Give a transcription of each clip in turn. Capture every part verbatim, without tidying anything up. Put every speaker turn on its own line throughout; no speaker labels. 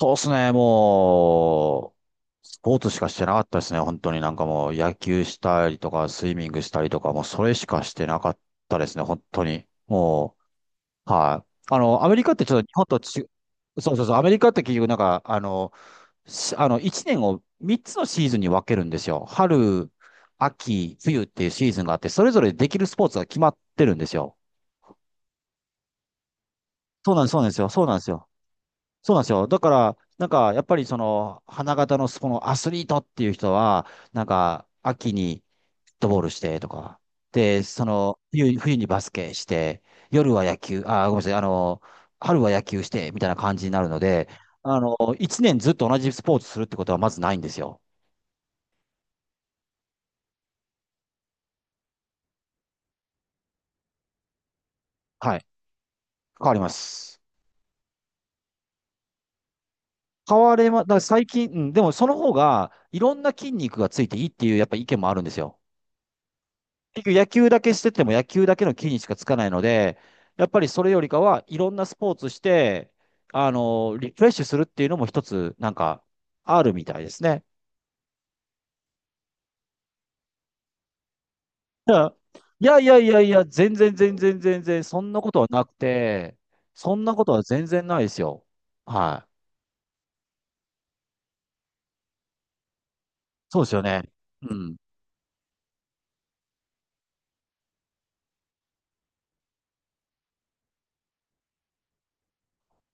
そうですね、もう、スポーツしかしてなかったですね、本当になんかもう野球したりとか、スイミングしたりとか、もうそれしかしてなかったですね、本当に。もう、はい。あの、アメリカってちょっと日本とち、そうそうそう、アメリカって結局なんか、あの、しあの、いちねんをみっつのシーズンに分けるんですよ。春、秋、冬っていうシーズンがあって、それぞれできるスポーツが決まってるんですよ。そうなんです、そうなんですよ、そうなんですよ。そうなんですよ。だから、なんか、やっぱりその、花形のそのアスリートっていう人は、なんか、秋にフットボールしてとか、で、その、冬、冬にバスケして、夜は野球、あー、ごめんなさい、あの、春は野球して、みたいな感じになるので、あの、一年ずっと同じスポーツするってことはまずないんですよ。はい。変わります。変われま、だから最近、うん、でもその方が、いろんな筋肉がついていいっていう、やっぱ意見もあるんですよ。結局野球だけしてても野球だけの木にしかつかないので、やっぱりそれよりかはいろんなスポーツして、あの、リフレッシュするっていうのも一つなんかあるみたいですね。だから、いやいやいやいや、全然全然全然、そんなことはなくて、そんなことは全然ないですよ。はい。そうですよね。うん。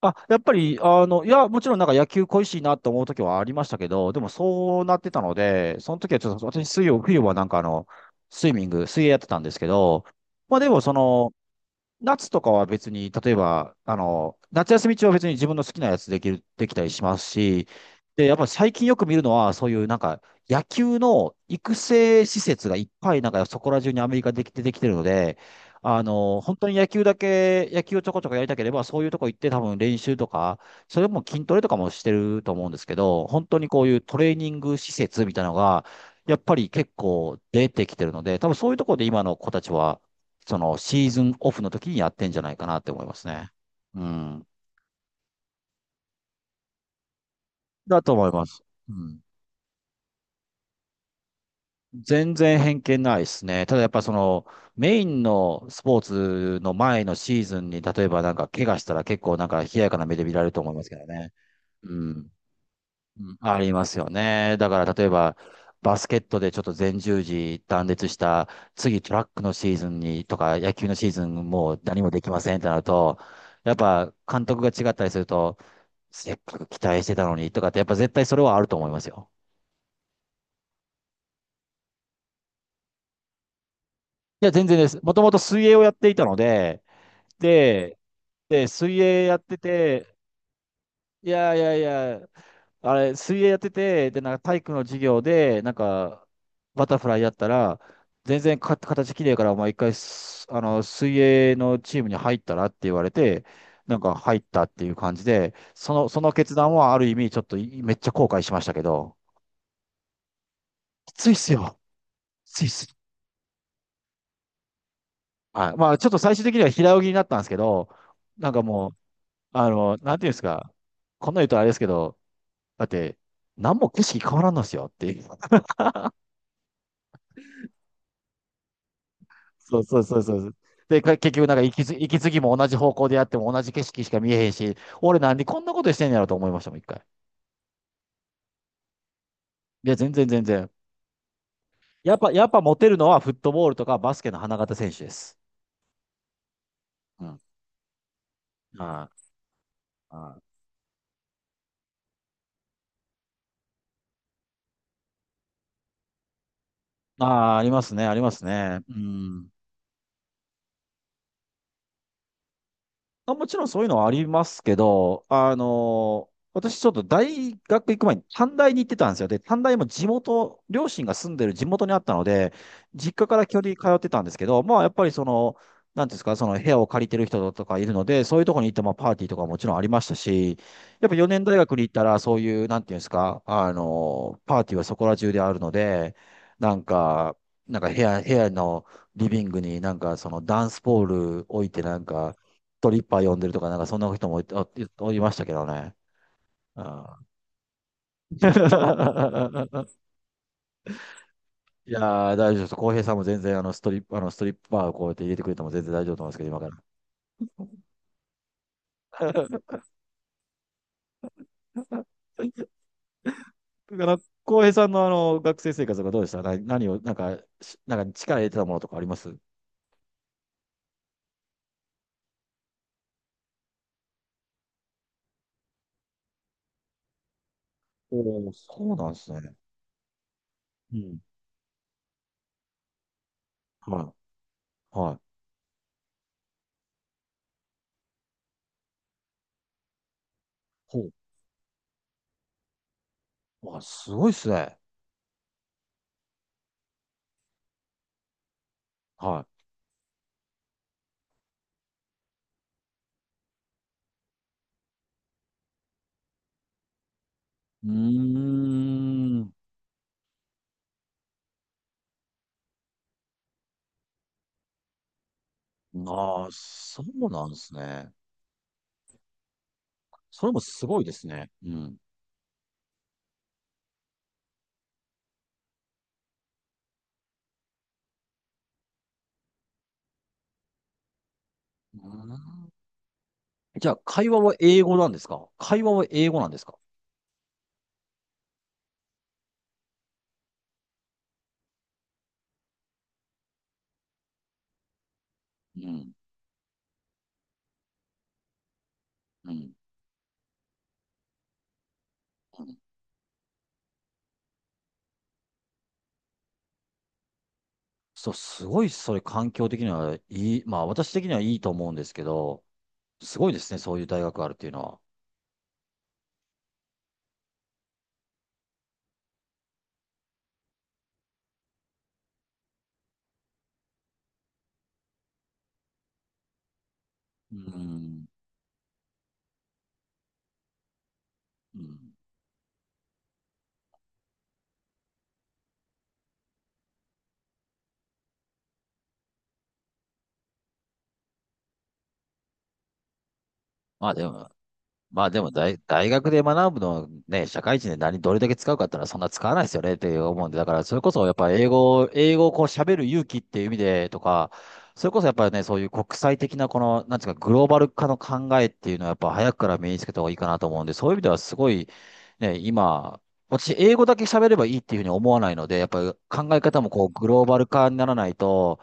あ、やっぱり、あの、いや、もちろんなんか野球恋しいなと思う時はありましたけど、でもそうなってたので、その時はちょっと私水曜、冬はなんかあの、スイミング、水泳やってたんですけど、まあでもその、夏とかは別に、例えば、あの、夏休み中は別に自分の好きなやつできる、できたりしますし、で、やっぱり最近よく見るのは、そういうなんか、野球の育成施設がいっぱい、なんかそこら中にアメリカできてできてるので、あの、本当に野球だけ、野球をちょこちょこやりたければ、そういうとこ行って多分練習とか、それも筋トレとかもしてると思うんですけど、本当にこういうトレーニング施設みたいなのが、やっぱり結構出てきてるので、多分そういうところで今の子たちは、そのシーズンオフの時にやってんじゃないかなって思いますね。うん。だと思います。うん。全然偏見ないですね。ただやっぱそのメインのスポーツの前のシーズンに例えばなんか怪我したら結構なんか冷ややかな目で見られると思いますけどね。うん。うんありますよね。だから例えばバスケットでちょっと前十字断裂した次トラックのシーズンにとか野球のシーズンもう何もできませんってなるとやっぱ監督が違ったりするとせっかく期待してたのにとかって、やっぱ絶対それはあると思いますよ。いや、全然です。もともと水泳をやっていたので、で、で、水泳やってて、いやいやいや、あれ、水泳やってて、で、なんか体育の授業で、なんか、バタフライやったら、全然か形きれいから、お前一回す、あの、水泳のチームに入ったらって言われて、なんか入ったっていう感じで、その、その決断はある意味、ちょっといめっちゃ後悔しましたけど、きついっすよ。きついっす。はい。まあ、ちょっと最終的には平泳ぎになったんですけど、なんかもう、あの、なんていうんですか、こんな言うとあれですけど、だって、何も景色変わらんのですよっていう。そうそうそうそうそう。で、か結局なんか息継ぎ、息継ぎも同じ方向でやっても同じ景色しか見えへんし、俺なんでこんなことしてんやろと思いましたもん、一回。いや、全然全然。やっぱ、やっぱモテるのはフットボールとかバスケの花形選手です。うん。はい。はい。ああ、ありますね、ありますね。うん。あ、もちろんそういうのはありますけど、あの、私ちょっと大学行く前に短大に行ってたんですよ。で、短大も地元、両親が住んでる地元にあったので、実家から基本的に通ってたんですけど、まあやっぱりその、なんていうんですか、その部屋を借りてる人とかいるので、そういうところに行ってもパーティーとかもちろんありましたし、やっぱよねん大学に行ったらそういう、なんていうんですか、あの、パーティーはそこら中であるので、なんか、なんか部屋、部屋のリビングになんかそのダンスポール置いてなんか、トリッパー呼んでるとか、なんかそんな人もいた、おいましたけどね。うん。 いやー、大丈夫です。浩平さんも全然あのストリップ、あのストリッパーをこうやって入れてくれても全然大丈夫と思うんですけど、今から。だから、浩平さんのあの学生生活がどうでしたな何を、なんか、しなんか力入れてたものとかありますおおー、そうなんですね。うん。はい。はい。ほう。あ、すごいっすね。はい。うーん。ああ、そうなんですね。それもすごいですね。うん。うーん。じゃあ、会話は英語なんですか会話は英語なんですかうん。うん。うん。そう、すごい、それ環境的にはいい、まあ私的にはいいと思うんですけど、すごいですね、そういう大学があるっていうのは。うん。うん。まあでも、まあでも大、大学で学ぶのをね、社会人で何、どれだけ使うかってのはそんな使わないですよねって思うんで、だからそれこそやっぱ英語、英語をこう喋る勇気っていう意味でとか、それこそやっぱりね、そういう国際的なこの、なんていうか、グローバル化の考えっていうのはやっぱ早くから身につけた方がいいかなと思うんで、そういう意味ではすごい、ね、今、私、英語だけ喋ればいいっていうふうに思わないので、やっぱり考え方もこう、グローバル化にならないと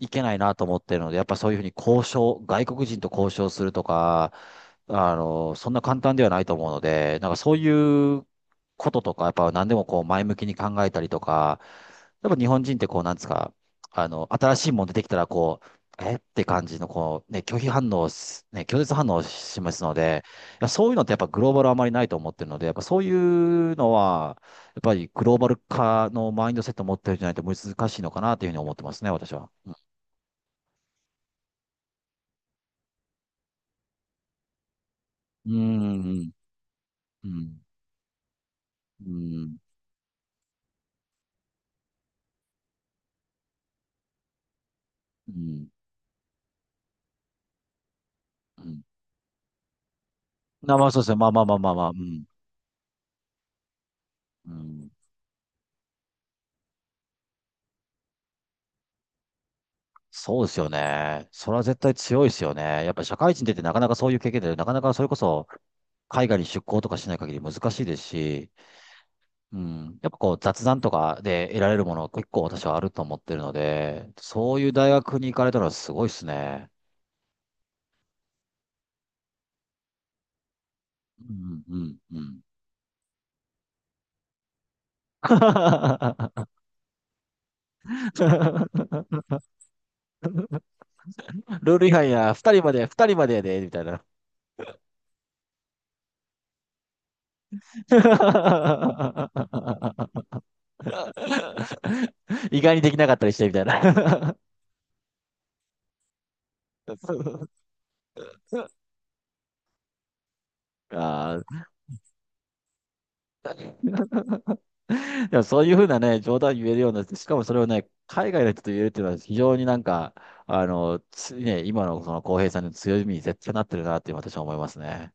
いけないなと思ってるので、やっぱそういうふうに交渉、外国人と交渉するとか、あの、そんな簡単ではないと思うので、なんかそういうこととか、やっぱ何でもこう前向きに考えたりとか、やっぱ日本人ってこう、なんですか、あの、新しいもん出てきたらこう、えって感じのこう、ね、拒否反応す、ね、拒絶反応を示すので、いやそういうのってやっぱグローバルあまりないと思ってるので、やっぱそういうのは、やっぱりグローバル化のマインドセットを持ってるんじゃないと難しいのかなというふうに思ってますね、私は。うん。うん。うん。うん。うん。うん。まあ、まあそうですね。まあまあまあまあまあ、うん。うん。そうですよね。それは絶対強いですよね。やっぱり社会人出てなかなかそういう経験で、なかなかそれこそ海外に出向とかしない限り難しいですし、うん。やっぱこう雑談とかで得られるもの結構私はあると思ってるので、そういう大学に行かれたらすごいですね。うん、うん、うん。ルール違反や、二人まで、二人までやで、みたいな。意外にできなかったりしてみたいな。あー、でもそういうふうなね、冗談言えるようになって、しかもそれをね、海外の人と言えるっていうのは非常になんか、あの、つね、今のその浩平さんの強みに絶対なってるなって私は思いますね。